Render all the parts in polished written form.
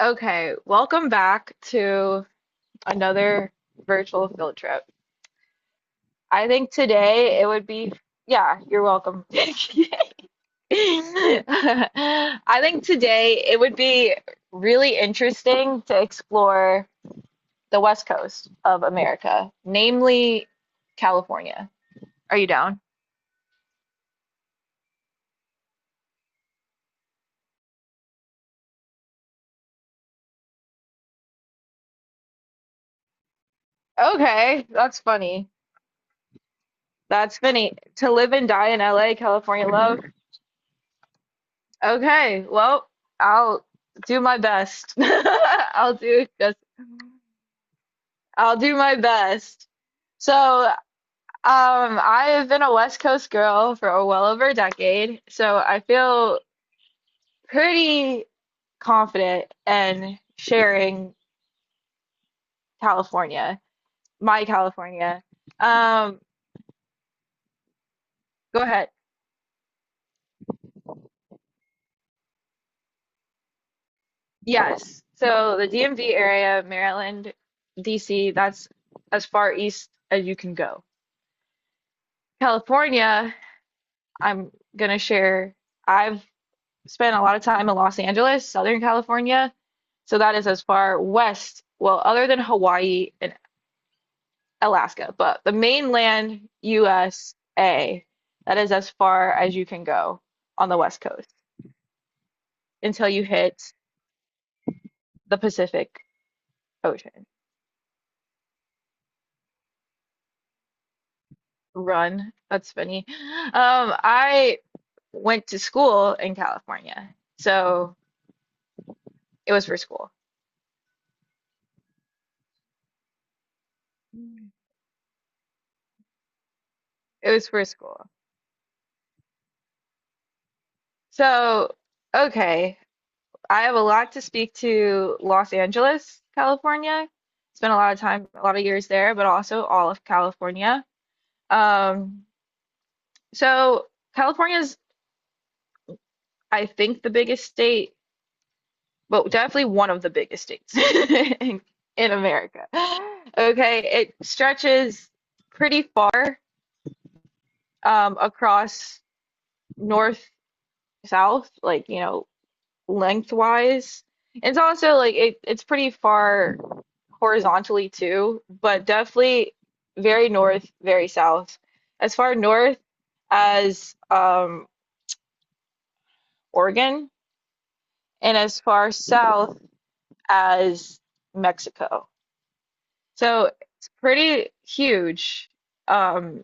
Okay, welcome back to another virtual field trip. I think today it would be, yeah, you're welcome. I think today it would be really interesting to explore the West Coast of America, namely California. Are you down? Okay, that's funny. That's funny. To live and die in LA, California love. Okay, well, I'll do my best. I'll do my best. So, I have been a West Coast girl for well over a decade, so I feel pretty confident in sharing California, my California. Um, Go ahead. Yes. So the DMV area, Maryland, DC, that's as far east as you can go. California I'm gonna share. I've spent a lot of time in Los Angeles, Southern California. So that is as far west, well, other than Hawaii and Alaska, but the mainland USA, that is as far as you can go on the west coast until you hit the Pacific Ocean. Run, that's funny. I went to school in California, so it was for school. It was for school. So, okay. I have a lot to speak to Los Angeles, California. Spent a lot of time, a lot of years there, but also all of California. Um, so California is, I think, the biggest state, but definitely one of the biggest states in America. Okay, it stretches pretty far across north, south, like, you know, lengthwise. It's also it's pretty far horizontally too, but definitely very north, very south. As far north as Oregon and as far south as Mexico. So it's pretty huge. Um,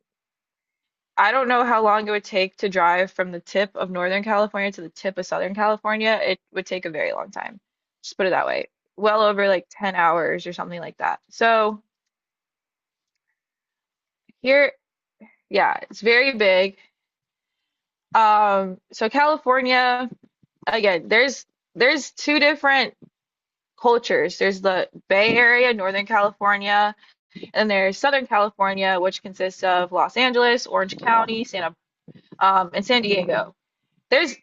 I don't know how long it would take to drive from the tip of Northern California to the tip of Southern California. It would take a very long time. Just put it that way. Well over like 10 hours or something like that. So here, yeah, it's very big. So California, again, there's two different cultures. There's the Bay Area, Northern California, and there's Southern California, which consists of Los Angeles, Orange County, Santa, and San Diego. There's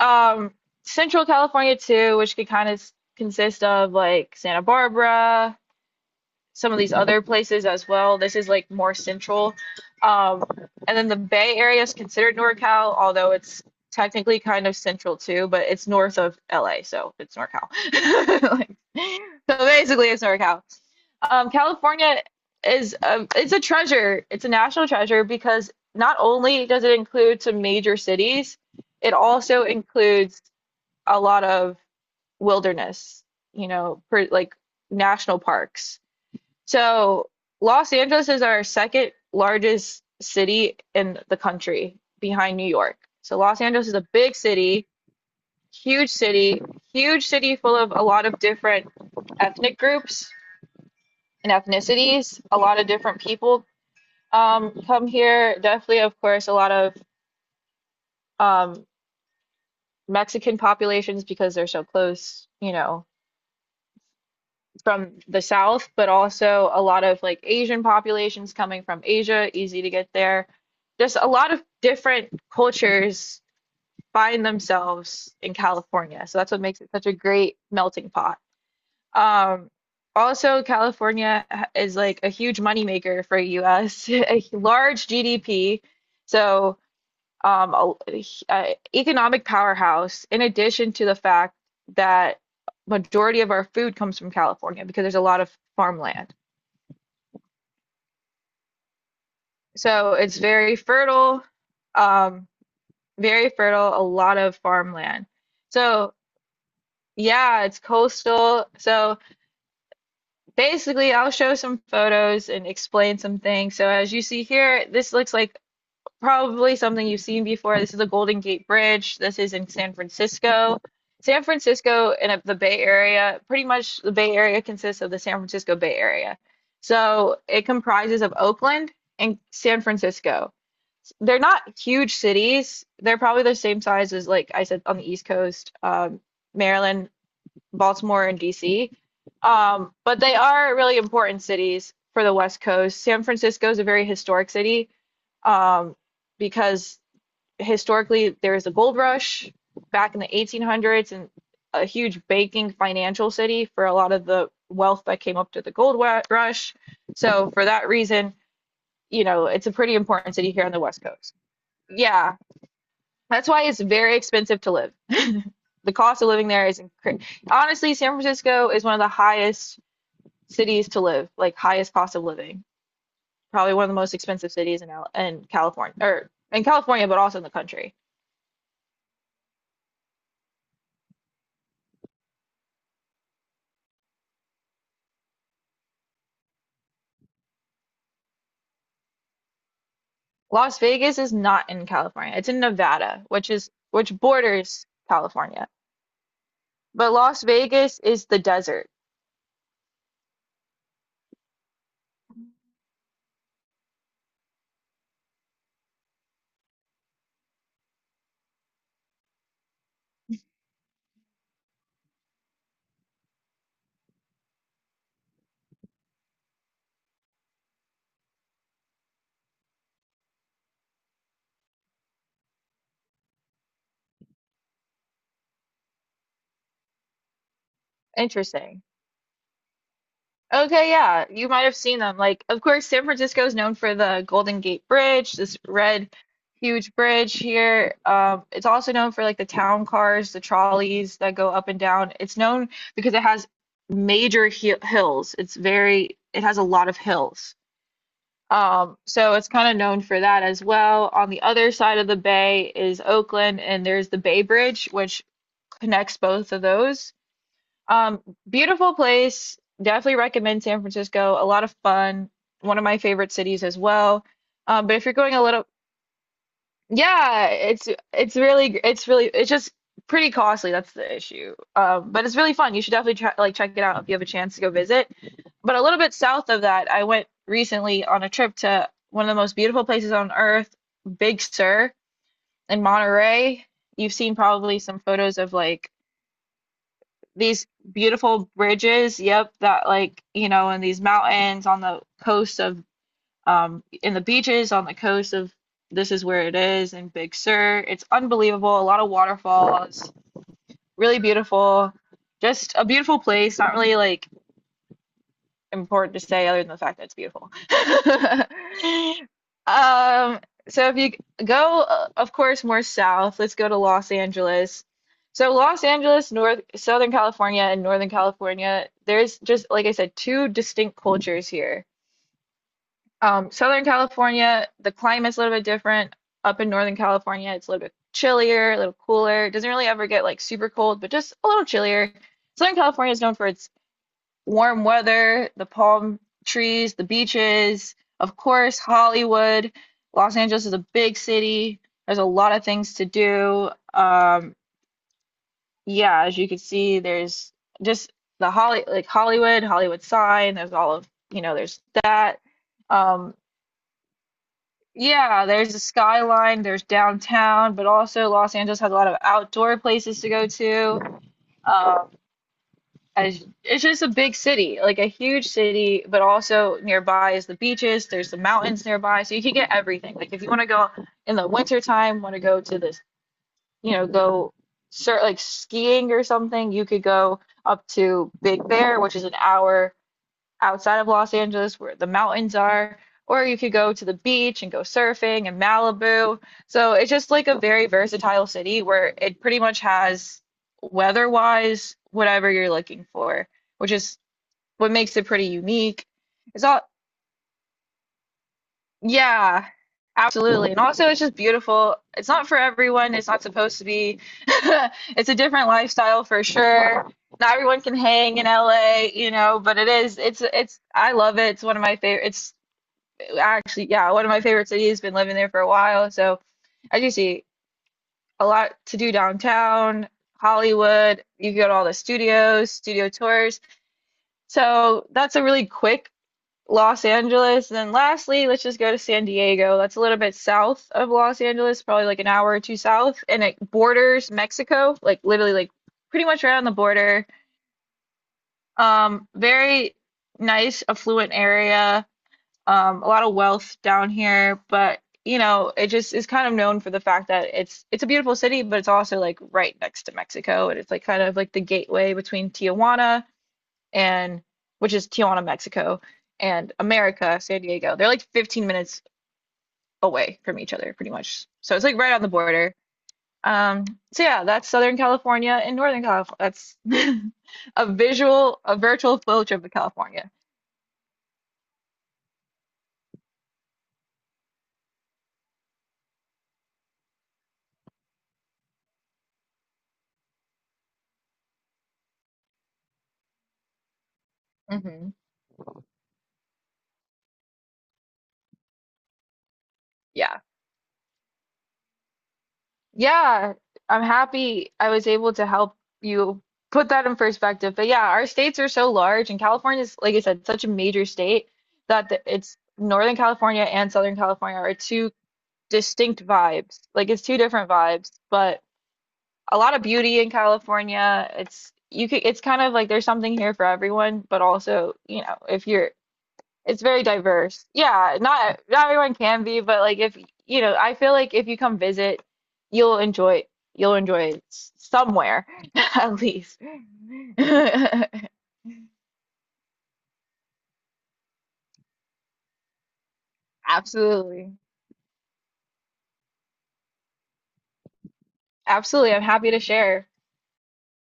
Um, Central California too, which could kind of consist of like Santa Barbara, some of these other places as well. This is like more central. Um, and then the Bay Area is considered NorCal, although it's technically kind of central too, but it's north of LA, so it's NorCal. Like, so basically, it's NorCal. California it's a treasure. It's a national treasure because not only does it include some major cities, it also includes a lot of wilderness, you know, per, like national parks. So Los Angeles is our second largest city in the country behind New York. So Los Angeles is a big city, huge city, huge city full of a lot of different ethnic groups and ethnicities. A lot of different people come here. Definitely, of course, a lot of um, Mexican populations because they're so close, you know, from the south, but also a lot of like Asian populations coming from Asia, easy to get there. Just a lot of different cultures find themselves in California. So that's what makes it such a great melting pot. Um, Also, California is like a huge moneymaker for US, a large GDP. So um, a, h- uh economic powerhouse, in addition to the fact that majority of our food comes from California because there's a lot of farmland. So it's um, very fertile, a lot of farmland. So yeah, it's coastal. So basically, I'll show some photos and explain some things. So as you see here, this looks like probably something you've seen before. This is the Golden Gate Bridge. This is in San Francisco. San Francisco and the Bay Area, pretty much the Bay Area consists of the San Francisco Bay Area. So it comprises of Oakland and San Francisco. They're not huge cities. They're probably the same size as, like I said, on the East Coast, Maryland, Baltimore, and DC. But they are really important cities for the West Coast. San Francisco is a very historic city um, because historically there was a gold rush back in the 1800s and a huge banking financial city for a lot of the wealth that came up to the gold rush. So for that reason, you know, it's a pretty important city here on the West Coast. Yeah, that's why it's very expensive to live. The cost of living there is honestly, San Francisco is one of the highest cities to live, like highest cost of living. Probably one of the most expensive cities in California or in California, but also in the country. Las Vegas is not in California. It's in Nevada, which borders California. But Las Vegas is the desert. Interesting. Okay, yeah, you might have seen them. Like, of course, San Francisco is known for the Golden Gate Bridge, this red, huge bridge here. It's also known for like the town cars, the trolleys that go up and down. It's known because it has major hi hills. It has a lot of hills. So it's kind of known for that as well. On the other side of the bay is Oakland, and there's the Bay Bridge, which connects both of those. Um, Beautiful place. Definitely recommend San Francisco. A lot of fun. One of my favorite cities as well. But if you're going a little, yeah, it's just pretty costly. That's the issue. But it's really fun. You should definitely try, like check it out if you have a chance to go visit. But a little bit south of that, I went recently on a trip to one of the most beautiful places on earth, Big Sur in Monterey. You've seen probably some photos of like these beautiful bridges, yep, that like, you know, in these mountains on the coast of in the beaches on the coast of this is where it is in Big Sur. It's unbelievable. A lot of waterfalls, really beautiful. Just a beautiful place, not really like important to say other than the fact that it's beautiful. Um, so if you go, of course, more south, let's go to Los Angeles. So Los Angeles, North, Southern California, and Northern California, there's just, like I said, two distinct cultures here. Southern California, the climate's a little bit different. Up in Northern California, it's a little bit chillier, a little cooler. It doesn't really ever get like super cold, but just a little chillier. Southern California is known for its warm weather, the palm trees, the beaches, of course, Hollywood. Los Angeles is a big city. There's a lot of things to do. Yeah, as you can see, there's just the Hollywood, Hollywood sign. There's all of, you know, there's that. Um, yeah, there's the skyline, there's downtown, but also Los Angeles has a lot of outdoor places to go to. Um, as it's just a big city, like a huge city, but also nearby is the beaches, there's the mountains nearby, so you can get everything. Like if you want to go in the winter time, want to go to this, you know, go start like skiing or something, you could go up to Big Bear, which is an hour outside of Los Angeles where the mountains are, or you could go to the beach and go surfing in Malibu. So it's just like a very versatile city where it pretty much has weather-wise whatever you're looking for, which is what makes it pretty unique. It's all, yeah, absolutely. And also it's just beautiful. It's not for everyone. It's not supposed to be. It's a different lifestyle for sure, not everyone can hang in LA, you know, but it's I love it. It's actually, yeah, one of my favorite cities. Been living there for a while, so as you see, a lot to do downtown, Hollywood. You can go to all the studios, studio tours. So that's a really quick Los Angeles. And then lastly, let's just go to San Diego. That's a little bit south of Los Angeles, probably like an hour or two south, and it borders Mexico, like literally like pretty much right on the border. Very nice, affluent area, a lot of wealth down here, but you know, it just is kind of known for the fact that it's a beautiful city, but it's also like right next to Mexico, and it's like kind of like the gateway between Tijuana and which is Tijuana, Mexico, and America, San Diego. They're like 15 minutes away from each other, pretty much. So it's like right on the border. Um, so yeah, that's Southern California and Northern California. That's a virtual field trip of California. Hmm. Yeah. Yeah, I'm happy I was able to help you put that in perspective. But yeah, our states are so large, and California is, like I said, such a major state that it's Northern California and Southern California are two distinct vibes. Like it's two different vibes, but a lot of beauty in California. It's kind of like there's something here for everyone, but also, you know, if you're it's very diverse. Yeah, not everyone can be, but like if you know, I feel like if you come visit, you'll enjoy you'll enjoy it somewhere at least. Absolutely. Absolutely. I'm happy to share.